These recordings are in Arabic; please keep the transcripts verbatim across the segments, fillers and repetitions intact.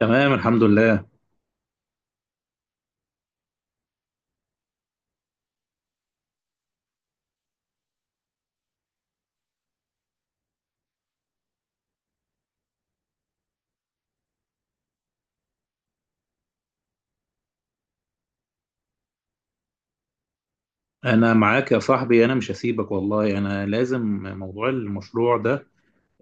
تمام، الحمد لله. انا معاك يا صاحبي، انا مش هسيبك والله، انا لازم موضوع المشروع ده.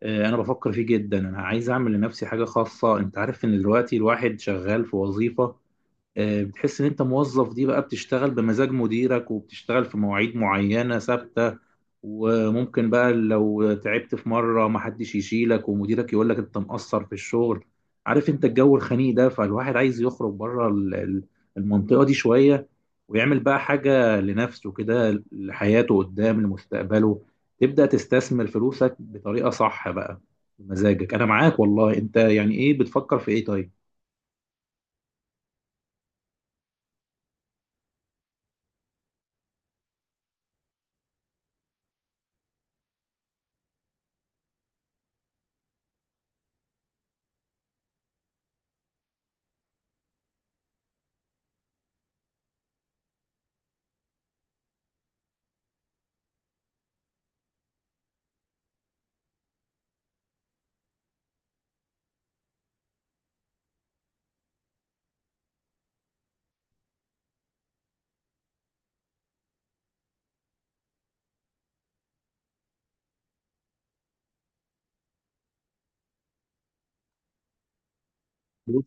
آه، انا بفكر فيه جدا، انا عايز اعمل لنفسي حاجة خاصة. انت عارف ان دلوقتي الواحد شغال في وظيفة. آه، بتحس ان انت موظف، دي بقى بتشتغل بمزاج مديرك وبتشتغل في مواعيد معينة ثابتة. وممكن بقى لو تعبت في مرة محدش يشيلك ومديرك يقولك انت مقصر في الشغل. عارف انت الجو الخنيق ده، فالواحد عايز يخرج بره ال- ال- المنطقة دي شوية. ويعمل بقى حاجة لنفسه كده، لحياته قدام، لمستقبله. تبدأ تستثمر فلوسك بطريقة صح بقى، بمزاجك. انا معاك والله. انت يعني ايه بتفكر في ايه؟ طيب.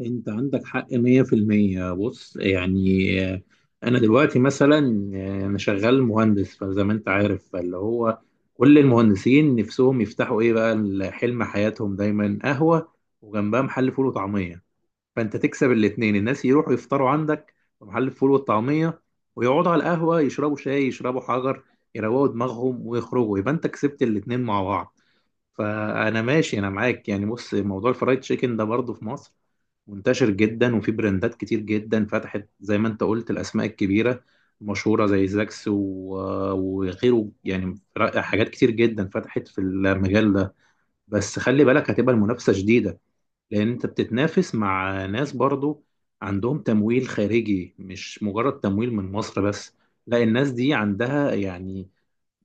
انت عندك حق مية في المية. بص يعني، آه، انا دلوقتي مثلا، آه، انا شغال مهندس. فزي ما انت عارف، فاللي هو كل المهندسين نفسهم يفتحوا ايه بقى؟ حلم حياتهم دايما قهوة، وجنبها محل فول وطعمية. فانت تكسب الاتنين، الناس يروحوا يفطروا عندك في محل الفول والطعمية ويقعدوا على القهوة يشربوا شاي يشربوا حجر يروقوا دماغهم ويخرجوا، يبقى انت كسبت الاتنين مع بعض. فانا ماشي، انا معاك يعني. بص، موضوع الفرايد تشيكن ده برضه في مصر منتشر جدا، وفي براندات كتير جدا فتحت زي ما انت قلت، الاسماء الكبيره مشهوره زي زاكس و- وغيره، يعني حاجات كتير جدا فتحت في المجال ده. بس خلي بالك هتبقى المنافسه شديده، لان انت بتتنافس مع ناس برضو عندهم تمويل خارجي، مش مجرد تمويل من مصر بس. لا، الناس دي عندها يعني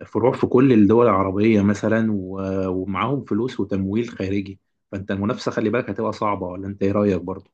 فروع في كل الدول العربيه مثلا، و- ومعاهم فلوس وتمويل خارجي. فانت المنافسه خلي بالك هتبقى صعبه. ولا انت ايه رايك برضو؟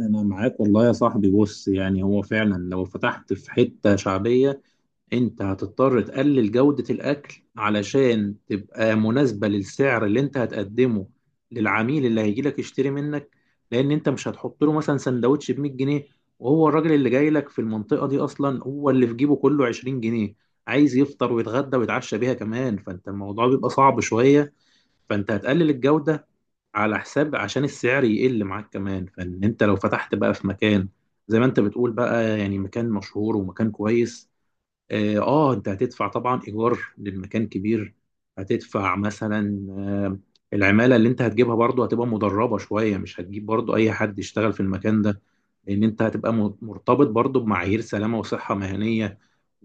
انا معاك والله يا صاحبي. بص يعني، هو فعلا لو فتحت في حتة شعبية انت هتضطر تقلل جودة الاكل علشان تبقى مناسبة للسعر اللي انت هتقدمه للعميل اللي هيجيلك يشتري منك. لان انت مش هتحط له مثلا سندوتش ب مية جنيه، وهو الراجل اللي جاي لك في المنطقة دي اصلا هو اللي في جيبه كله عشرين جنيه، عايز يفطر ويتغدى ويتعشى بيها كمان. فانت الموضوع بيبقى صعب شوية. فانت هتقلل الجودة على حساب عشان السعر يقل معاك كمان. فان انت لو فتحت بقى في مكان زي ما انت بتقول بقى، يعني مكان مشهور ومكان كويس، اه آه، انت هتدفع طبعا ايجار للمكان كبير. هتدفع مثلا آه العمالة اللي انت هتجيبها برضو هتبقى مدربة شوية، مش هتجيب برضو اي حد يشتغل في المكان ده، لان انت هتبقى م- مرتبط برضو بمعايير سلامة وصحة مهنية.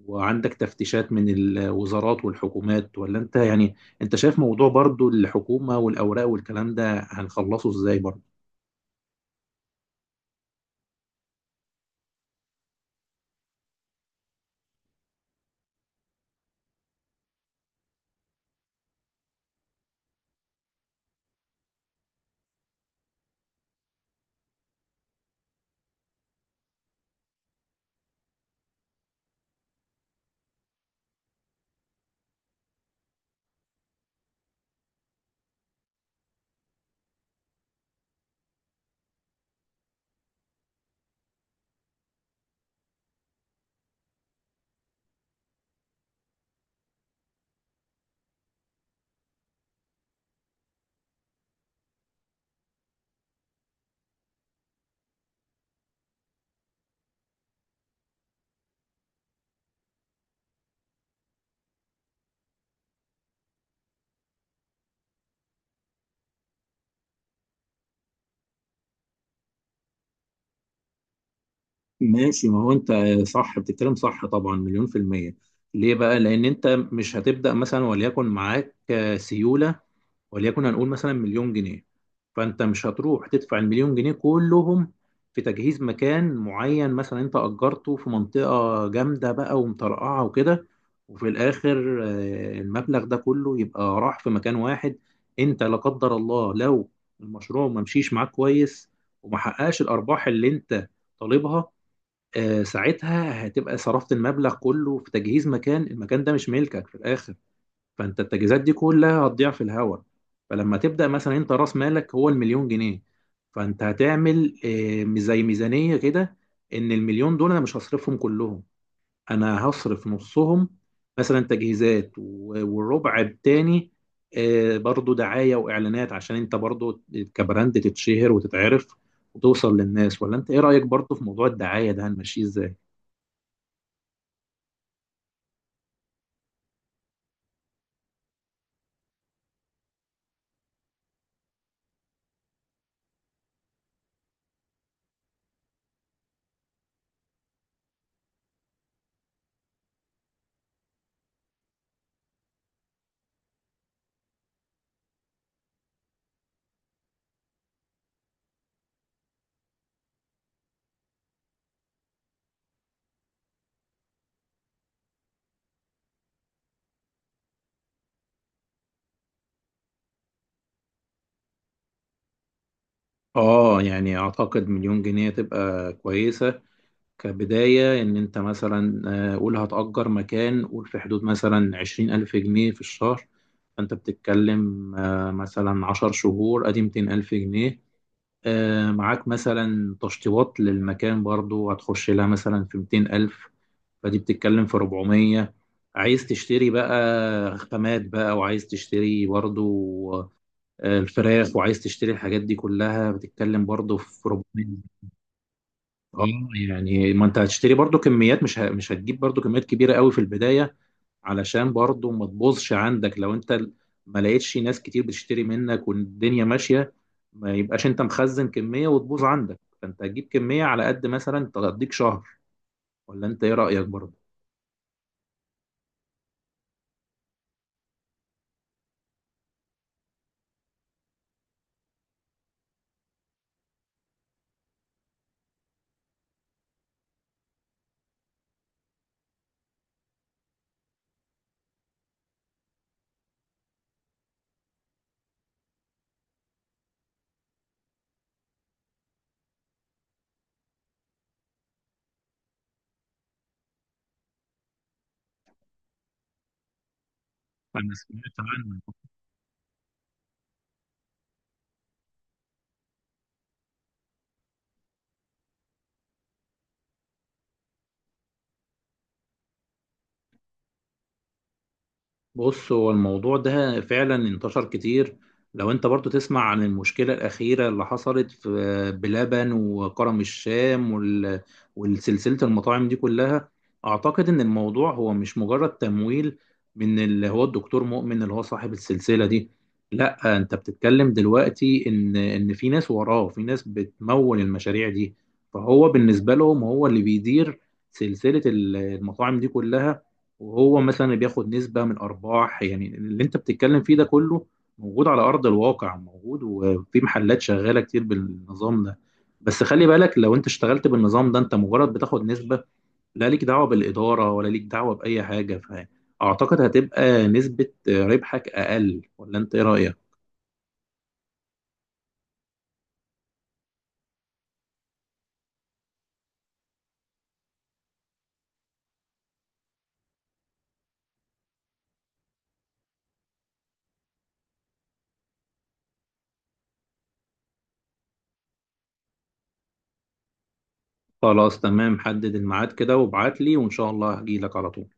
وعندك تفتيشات من الوزارات والحكومات. ولا انت يعني انت شايف موضوع برضو الحكومة والاوراق والكلام ده هنخلصه ازاي برضو؟ ماشي. ما هو انت صح، بتتكلم صح طبعا، مليون في المية. ليه بقى؟ لأن انت مش هتبدأ مثلا وليكن معاك آه، سيولة، وليكن هنقول مثلا مليون جنيه. فانت مش هتروح تدفع المليون جنيه كلهم في تجهيز مكان معين. مثلا انت اجرته في منطقة جامدة بقى ومطرقعة وكده، وفي الاخر آه، المبلغ ده كله يبقى راح في مكان واحد. انت لا قدر الله لو المشروع ما مشيش معاك كويس وما حققش الارباح اللي انت طالبها، آه، ساعتها هتبقى صرفت المبلغ كله في تجهيز مكان، المكان ده مش ملكك في الاخر. فانت التجهيزات دي كلها هتضيع في الهوا. فلما تبدا مثلا انت راس مالك هو المليون جنيه، فانت هتعمل آه، زي ميزانيه كده. ان المليون دول انا مش هصرفهم كلهم، انا هصرف نصهم مثلا تجهيزات، و- والربع التاني آه، برضو دعايه واعلانات عشان انت برضو كبراند تتشهر وتتعرف وتوصل للناس. ولا انت ايه رايك برضو في موضوع الدعايه ده هنمشيه ازاي؟ اه، يعني اعتقد مليون جنيه تبقى كويسه كبداية. إن أنت مثلا آه، قول هتأجر مكان، قول في حدود مثلا عشرين ألف جنيه في الشهر. فأنت بتتكلم آه، مثلا عشر شهور، أدي ميتين ألف جنيه. آه، معاك مثلا تشطيبات للمكان برضو هتخش لها مثلا في ميتين ألف، فدي بتتكلم في أربعمية. عايز تشتري بقى خامات بقى، وعايز تشتري برضو آه، الفراخ، وعايز تشتري الحاجات دي كلها بتتكلم برضو في أربع مية. اه. يعني ما انت هتشتري برضو كميات، مش ه... مش هتجيب برضو كميات كبيره قوي في البدايه، علشان برضو ما تبوظش عندك لو انت ال- ما لقيتش ناس كتير بتشتري منك والدنيا ماشيه. ما يبقاش انت مخزن كميه وتبوظ عندك. فانت هتجيب كميه على قد مثلا تقضيك شهر. ولا انت ايه رايك برضو؟ انا سمعت عنه. بص، هو الموضوع ده فعلا انتشر كتير. لو انت برضو تسمع عن المشكلة الأخيرة اللي حصلت في بلبن وكرم الشام وال- والسلسلة المطاعم دي كلها، أعتقد إن الموضوع هو مش مجرد تمويل من اللي هو الدكتور مؤمن اللي هو صاحب السلسلة دي. لا، انت بتتكلم دلوقتي إن إن في ناس وراه، في ناس بتمول المشاريع دي. فهو بالنسبة لهم هو اللي بيدير سلسلة المطاعم دي كلها، وهو مثلا اللي بياخد نسبة من أرباح. يعني اللي أنت بتتكلم فيه ده كله موجود على أرض الواقع، موجود وفي محلات شغالة كتير بالنظام ده. بس خلي بالك، لو أنت اشتغلت بالنظام ده أنت مجرد بتاخد نسبة، لا ليك دعوة بالإدارة ولا ليك دعوة بأي حاجة. فأعتقد هتبقى نسبة ربحك أقل. ولا أنت إيه رأيك؟ خلاص تمام، حدد الميعاد كده وابعت لي، وإن شاء الله هجيلك على طول.